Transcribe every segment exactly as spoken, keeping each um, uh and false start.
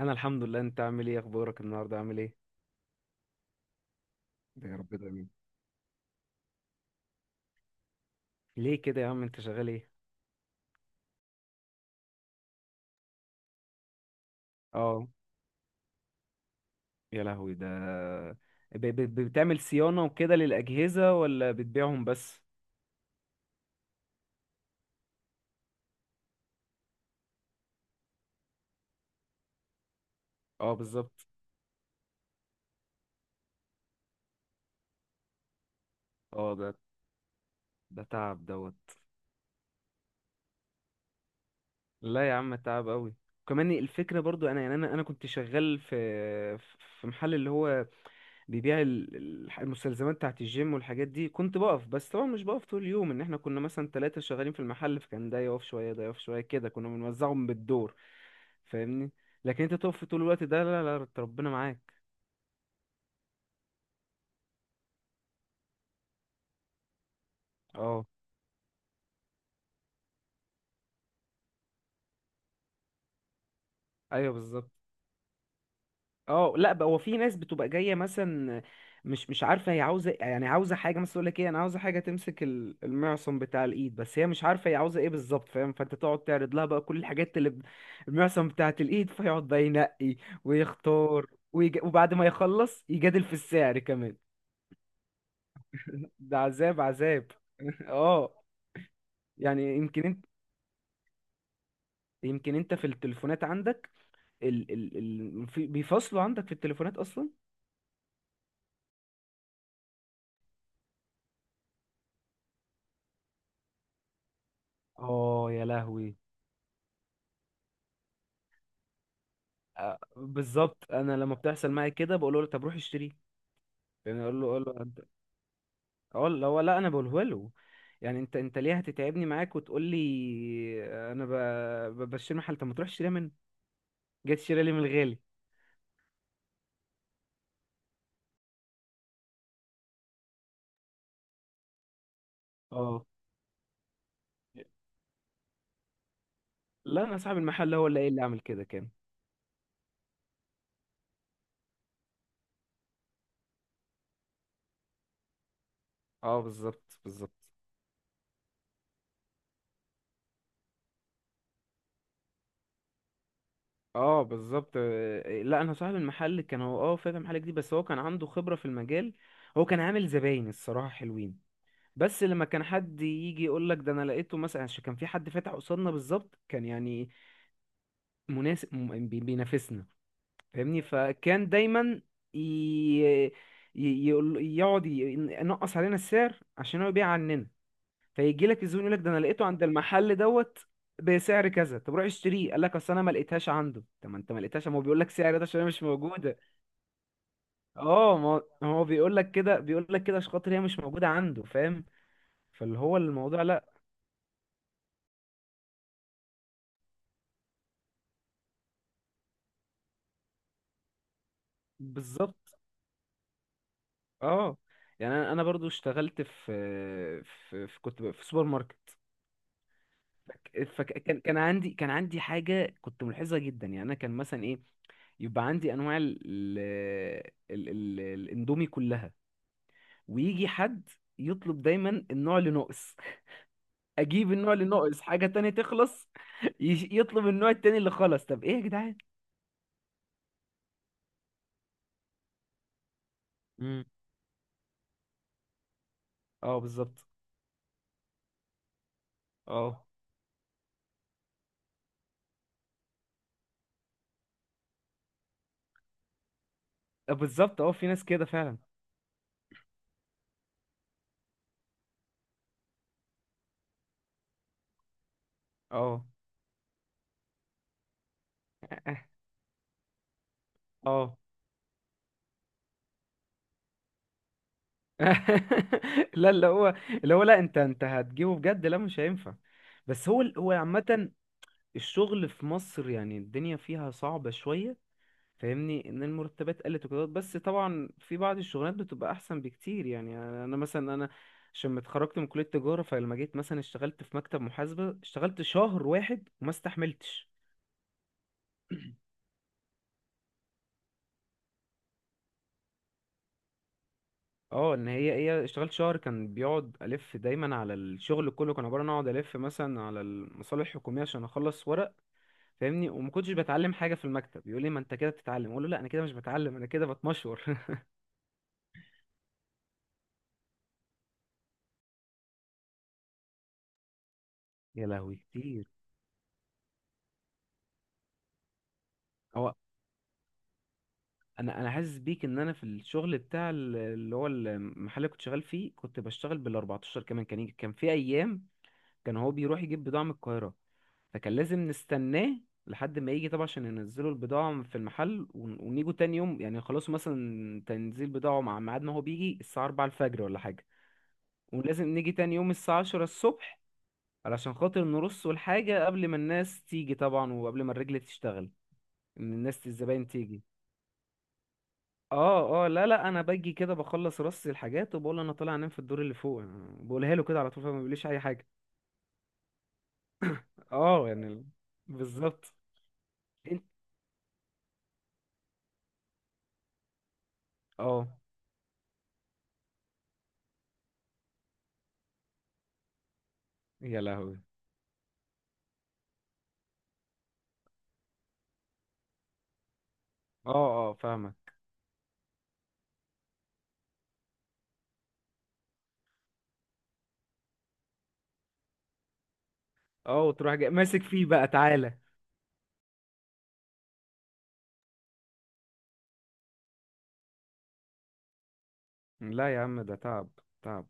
انا الحمد لله. انت عامل ايه؟ اخبارك النهارده عامل ايه؟ ده يا رب دايما. ليه كده يا عم، انت شغال ايه؟ اه يا لهوي ده. ب ب بتعمل صيانه وكده للاجهزه ولا بتبيعهم بس؟ اه بالظبط. اه، ده ده تعب دوت. لا يا عم، تعب قوي. كمان الفكره برضو انا، يعني انا انا كنت شغال في في محل اللي هو بيبيع ال- ال- المستلزمات بتاعت الجيم والحاجات دي. كنت بقف، بس طبعا مش بقف طول اليوم، ان احنا كنا مثلا ثلاثة شغالين في المحل، فكان ده يقف شوية ده يقف شوية كده، كنا بنوزعهم بالدور. فاهمني؟ لكن انت تقف طول الوقت ده؟ لا لا، ربنا معاك. اه ايوه بالظبط. اه لا بقى، هو في ناس بتبقى جايه مثلا مش مش عارفه هي عاوزه، يعني عاوزه حاجه مثلا، تقول لك ايه، انا عاوزه حاجه تمسك ال- المعصم بتاع الايد، بس هي مش عارفه هي عاوزه ايه بالظبط، فاهم؟ فانت تقعد تعرض لها بقى كل الحاجات اللي ب- المعصم بتاعت الايد، فيقعد بقى ينقي ويختار ويج... وبعد ما يخلص يجادل في السعر كمان. ده عذاب عذاب. اه. يعني يمكن انت، يمكن انت في التليفونات عندك ال... ال... ال... في... بيفصلوا عندك في التليفونات اصلا؟ اه يا لهوي. آه، بالظبط انا لما بتحصل معايا كده بقول له طب روح اشتريه. يعني اقول له اقول له أنت- اقول له، هو لا انا بقوله له، يعني انت انت ليه هتتعبني معاك وتقول لي انا ب... ب- بشتري محل، طب ما تروح اشتريها منه، جاي تشتريها لي من الغالي. اه لا، انا صاحب المحل هو اللي ايه اللي عامل كده كان. اه بالظبط بالظبط. اه بالظبط. آه، لا انا صاحب المحل كان هو اه فاتح محل جديد، بس هو كان عنده خبرة في المجال. هو كان عامل زباين الصراحة حلوين. بس لما كان حد يجي يقول لك ده انا لقيته مثلا، عشان كان في حد فاتح قصادنا بالظبط، كان يعني مناسب، م- بي- بينافسنا. فاهمني؟ فكان دايما ي... ي... يقول... يقعد ي- ينقص علينا السعر عشان هو يبيع عننا. فيجي لك الزبون يقول لك ده انا لقيته عند المحل دوت بسعر كذا، طب روح اشتريه. قال لك اصل انا ما لقيتهاش عنده. طب ما انت ما لقيتهاش، ما هو بيقول لك سعر ده عشان هي مش موجوده. اه، ما هو بيقول لك كده، بيقول لك كده عشان خاطر هي مش موجوده عنده، فاهم؟ فاللي هو الموضوع لا. بالظبط. اه يعني انا أنا برضو اشتغلت في، في, في كنت في سوبر ماركت. فكان، كان عندي كان عندي حاجه كنت ملحظه جدا، يعني انا كان مثلا ايه، يبقى عندي انواع ال ال ال الاندومي كلها، ويجي حد يطلب دايما النوع اللي ناقص. اجيب النوع اللي ناقص، حاجه تانية تخلص، يش- يطلب النوع التاني اللي خلص. طب ايه يا جدعان؟ امم اه بالظبط. اه آه، بالظبط، اه في ناس كده فعلا. اه. اه. لا، اللي هو اللي هو لا، انت انت هتجيبه بجد؟ لا مش هينفع. بس هو هو عامة الشغل في مصر يعني الدنيا فيها صعبة شوية، فاهمني؟ ان المرتبات قلت وكده، بس طبعا في بعض الشغلات بتبقى احسن بكتير. يعني، يعني انا مثلا، انا عشان ما اتخرجت من كلية تجارة، فلما جيت مثلا اشتغلت في مكتب محاسبة اشتغلت شهر واحد وما استحملتش. اه، ان هي ايه، اشتغلت شهر كان بيقعد الف دايما على الشغل، كله كان عبارة عن اقعد الف مثلا على المصالح الحكومية عشان اخلص ورق، فاهمني؟ وما كنتش بتعلم حاجه في المكتب. يقول لي ما انت كده بتتعلم، اقول له لا انا كده مش بتعلم، انا كده بتمشور. يا لهوي كتير. هو، انا انا حاسس بيك. ان انا في الشغل بتاع ال- اللي هو المحل اللي كنت شغال فيه، كنت بشتغل بال اربعتاشر، كمان كان يجي- كان في ايام كان هو بيروح يجيب بضاعه من القاهره، فكان لازم نستناه لحد ما يجي طبعا، عشان ينزلوا البضاعه في المحل ون- ونيجوا تاني يوم. يعني خلاص مثلا تنزيل بضاعه مع ميعاد، ما هو بيجي الساعه اربعة الفجر ولا حاجه، ولازم نيجي تاني يوم الساعة عشرة الصبح علشان خاطر نرص الحاجة قبل ما الناس تيجي طبعا، وقبل ما الرجل تشتغل، ان الناس الزباين تيجي. اه اه، لا لا، انا باجي كده بخلص رص الحاجات وبقول انا طالع انام في الدور اللي فوق، بقولها له كده على طول فما بيقوليش اي حاجة. اه يعني ال- بالظبط. انت. اه يا لهوي. اه اه فاهمك. اه، وتروح جاي ماسك فيه بقى تعالى. لا يا عم ده تعب تعب.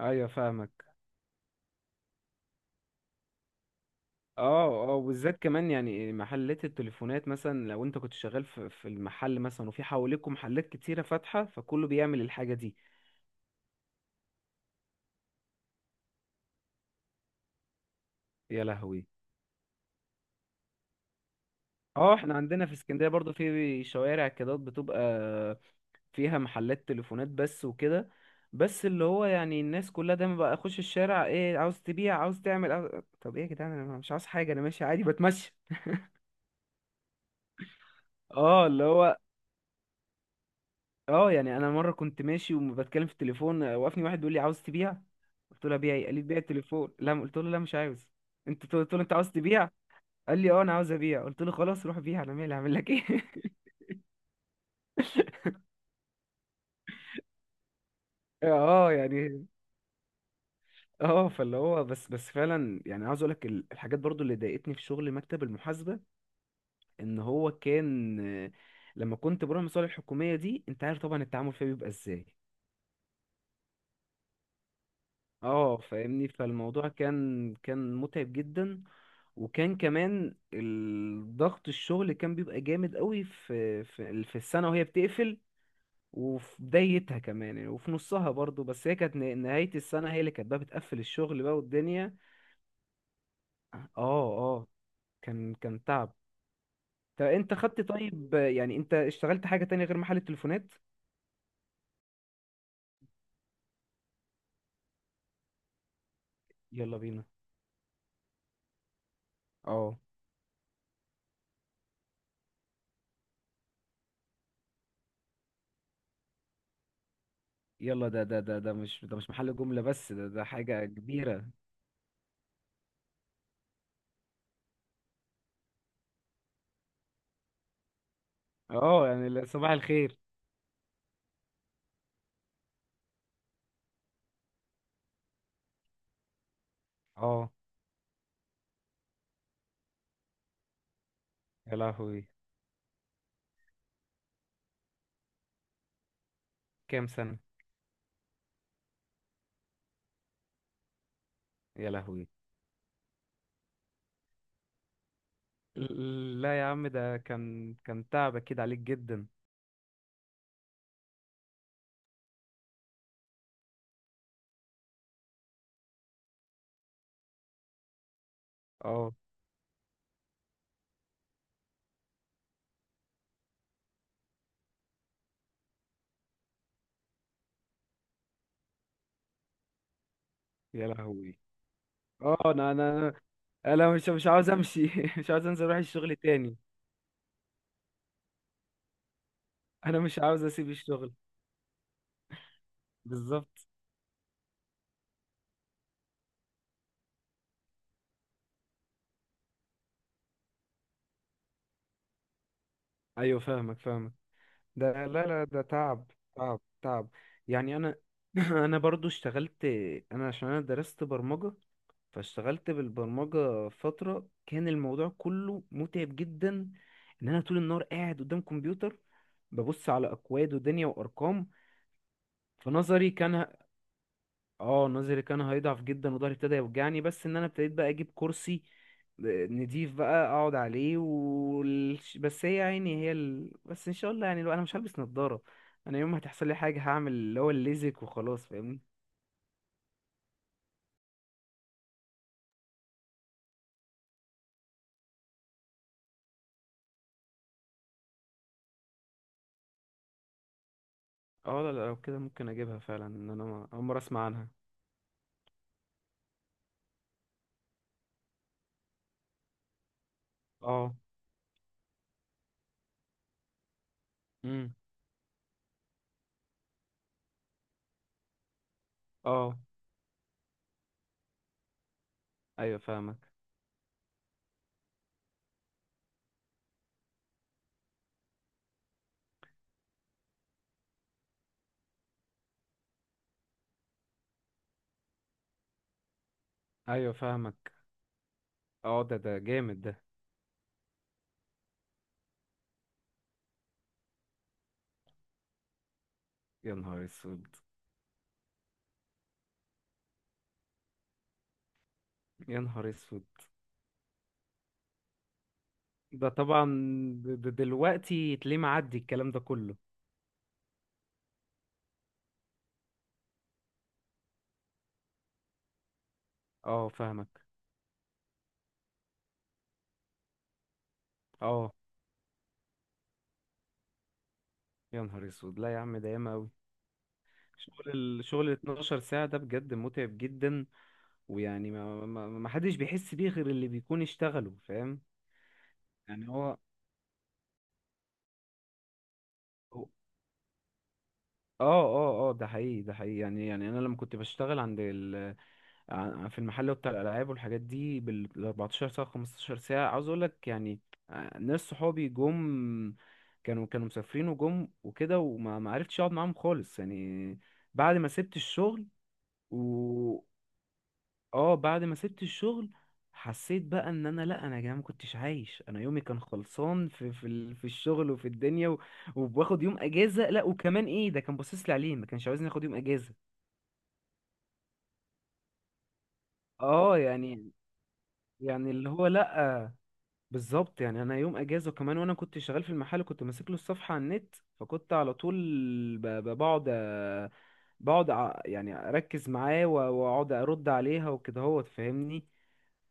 ايوه فاهمك. اه اه، وبالذات كمان يعني محلات التليفونات مثلا، لو انت كنت شغال في في المحل مثلا وفي حواليكوا محلات كتيرة فاتحة، فكله بيعمل الحاجة دي. يا لهوي. اه، احنا عندنا في اسكندرية برضو في شوارع كده بتبقى فيها محلات تليفونات بس وكده. بس اللي هو يعني الناس كلها دايما بقى، اخش الشارع، ايه عاوز تبيع عاوز تعمل عاوز... طب ايه يا جدعان، انا مش عاوز حاجة، انا ماشي عادي بتمشى. اه اللي هو، اه، يعني انا مره كنت ماشي وبتكلم في التليفون، آه، وقفني واحد بيقول لي عاوز تبيع. قلت له ابيع ايه؟ قال لي بيع التليفون. لا قلت له لا مش عاوز. انت قلت له انت عاوز تبيع؟ قال لي اه انا عاوز ابيع. قلت له خلاص روح بيع، انا مالي، هعمل لك ايه؟ اه يعني، اه، فاللي هو بس بس فعلا، يعني عاوز اقولك ال- الحاجات برضو اللي ضايقتني في شغل مكتب المحاسبة. ان هو كان، آه، لما كنت بروح المصالح الحكومية دي انت عارف طبعا التعامل فيها بيبقى ازاي. اه فاهمني، فالموضوع كان كان متعب جدا. وكان كمان الضغط، الشغل كان بيبقى جامد قوي في في في السنة وهي بتقفل، وفي بدايتها كمان يعني، وفي نصها برضو، بس هي كانت ن- نهاية السنة هي اللي كانت بقى بتقفل الشغل بقى والدنيا. اه اه كان كان تعب. طب انت خدت طيب، يعني انت اشتغلت حاجة تانية غير محل التليفونات؟ يلا بينا. اه يلا، ده ده ده ده مش ده، مش محل جملة بس، ده ده حاجة كبيرة. اه يعني لا- صباح الخير. اه يا لهوي. كام سنة؟ يا لهوي. لا يا عم ده كان كان تعب اكيد عليك جدا. اه يا لهوي. اه انا انا انا مش مش عاوز امشي. مش عاوز انزل اروح الشغل تاني. انا مش عاوز اسيب الشغل. بالظبط. ايوه فاهمك فاهمك. ده لا لا ده تعب تعب تعب. يعني انا انا برضو اشتغلت، انا عشان انا درست برمجة، فاشتغلت بالبرمجة فترة كان الموضوع كله متعب جدا. ان انا طول النهار قاعد قدام كمبيوتر ببص على اكواد ودنيا وارقام، في نظري كان ه- اه نظري كان هيضعف جدا، وضهري ابتدى يوجعني، بس ان انا ابتديت بقى اجيب كرسي نضيف بقى اقعد عليه وال... بس هي عيني هي ال... بس ان شاء الله يعني، لو انا مش هلبس نظارة انا يوم ما هتحصل لي حاجة هعمل اللي هو الليزك وخلاص، فاهمني؟ اه لا لا، لو كده ممكن اجيبها فعلا، ان انا ما- اول مرة اسمع عنها. اه. امم اه ايوه فاهمك. ايوه فاهمك. اه، ده ده جامد ده. يا نهار اسود. يا نهار اسود. ده طبعا د- د- دلوقتي تلاقيه معدي الكلام ده كله. اه فاهمك. اه يا نهار اسود. لا يا عم ده ياما اوي. شغل، الشغل ال اتناشر ساعة ده بجد متعب جدا، ويعني ما, ما, ما حدش بيحس بيه غير اللي بيكون اشتغله، فاهم؟ يعني هو. هو- اه اه اه ده حقيقي ده حقيقي، يعني، يعني انا لما كنت بشتغل عند ع- في المحل بتاع الالعاب والحاجات دي بال اربعة عشر ساعه خمسة عشر ساعه، عاوز اقول لك يعني آه، ناس صحابي جم، كانوا كانوا مسافرين وجم وكده، وما ما عرفتش اقعد معاهم خالص، يعني بعد ما سبت الشغل. و اه بعد ما سبت الشغل حسيت بقى ان انا لا، انا يا جماعه ما كنتش عايش، انا يومي كان خلصان في في ال- في الشغل وفي الدنيا و... وباخد يوم اجازه، لا وكمان ايه ده كان باصص لي عليه ما كانش عاوزني اخد يوم اجازه. اه يعني، يعني اللي هو لا بالظبط. يعني انا يوم اجازه كمان وانا كنت شغال في المحل كنت ماسك له الصفحه على النت، فكنت على طول ب- ب- بقعد أ- بقعد أ- يعني اركز معاه و- واقعد ارد عليها وكده هو، تفهمني؟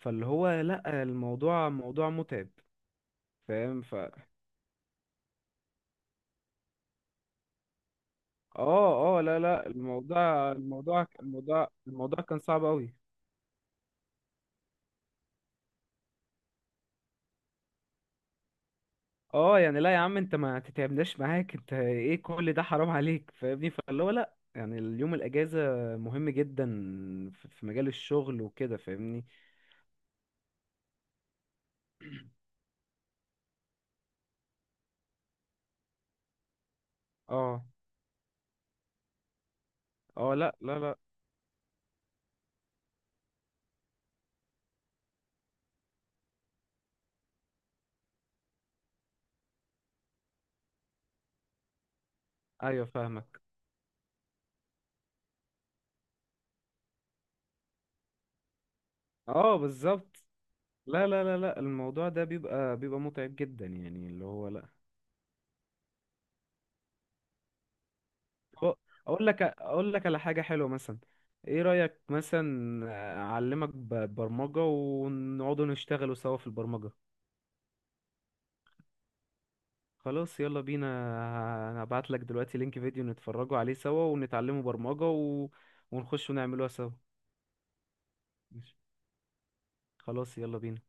فاللي هو لا الموضوع موضوع متعب. فاهم ف اه اه لا لا، الموضوع الموضوع الموضوع الموضوع كان صعب قوي. اه يعني لا يا عم انت ما تتعبناش معاك، انت ايه كل ده حرام عليك، فاهمني؟ فاللي هو لا، يعني اليوم الاجازه مهم جدا في في مجال الشغل وكده، فاهمني؟ اه اه لا لا لا. ايوه فاهمك. اه بالظبط. لا لا لا لا، الموضوع ده بيبقى بيبقى متعب جدا يعني اللي هو لا. هو- اقول لك، اقول لك على حاجه حلوه مثلا، ايه رايك مثلا آه، اعلمك ب- برمجه ونقعدوا نشتغلوا سوا في البرمجه؟ خلاص يلا بينا. انا هبعت لك دلوقتي لينك فيديو نتفرجوا عليه سوا، ونتعلموا برمجة و... ونخش ونعملوها سوا. ماشي. خلاص يلا بينا.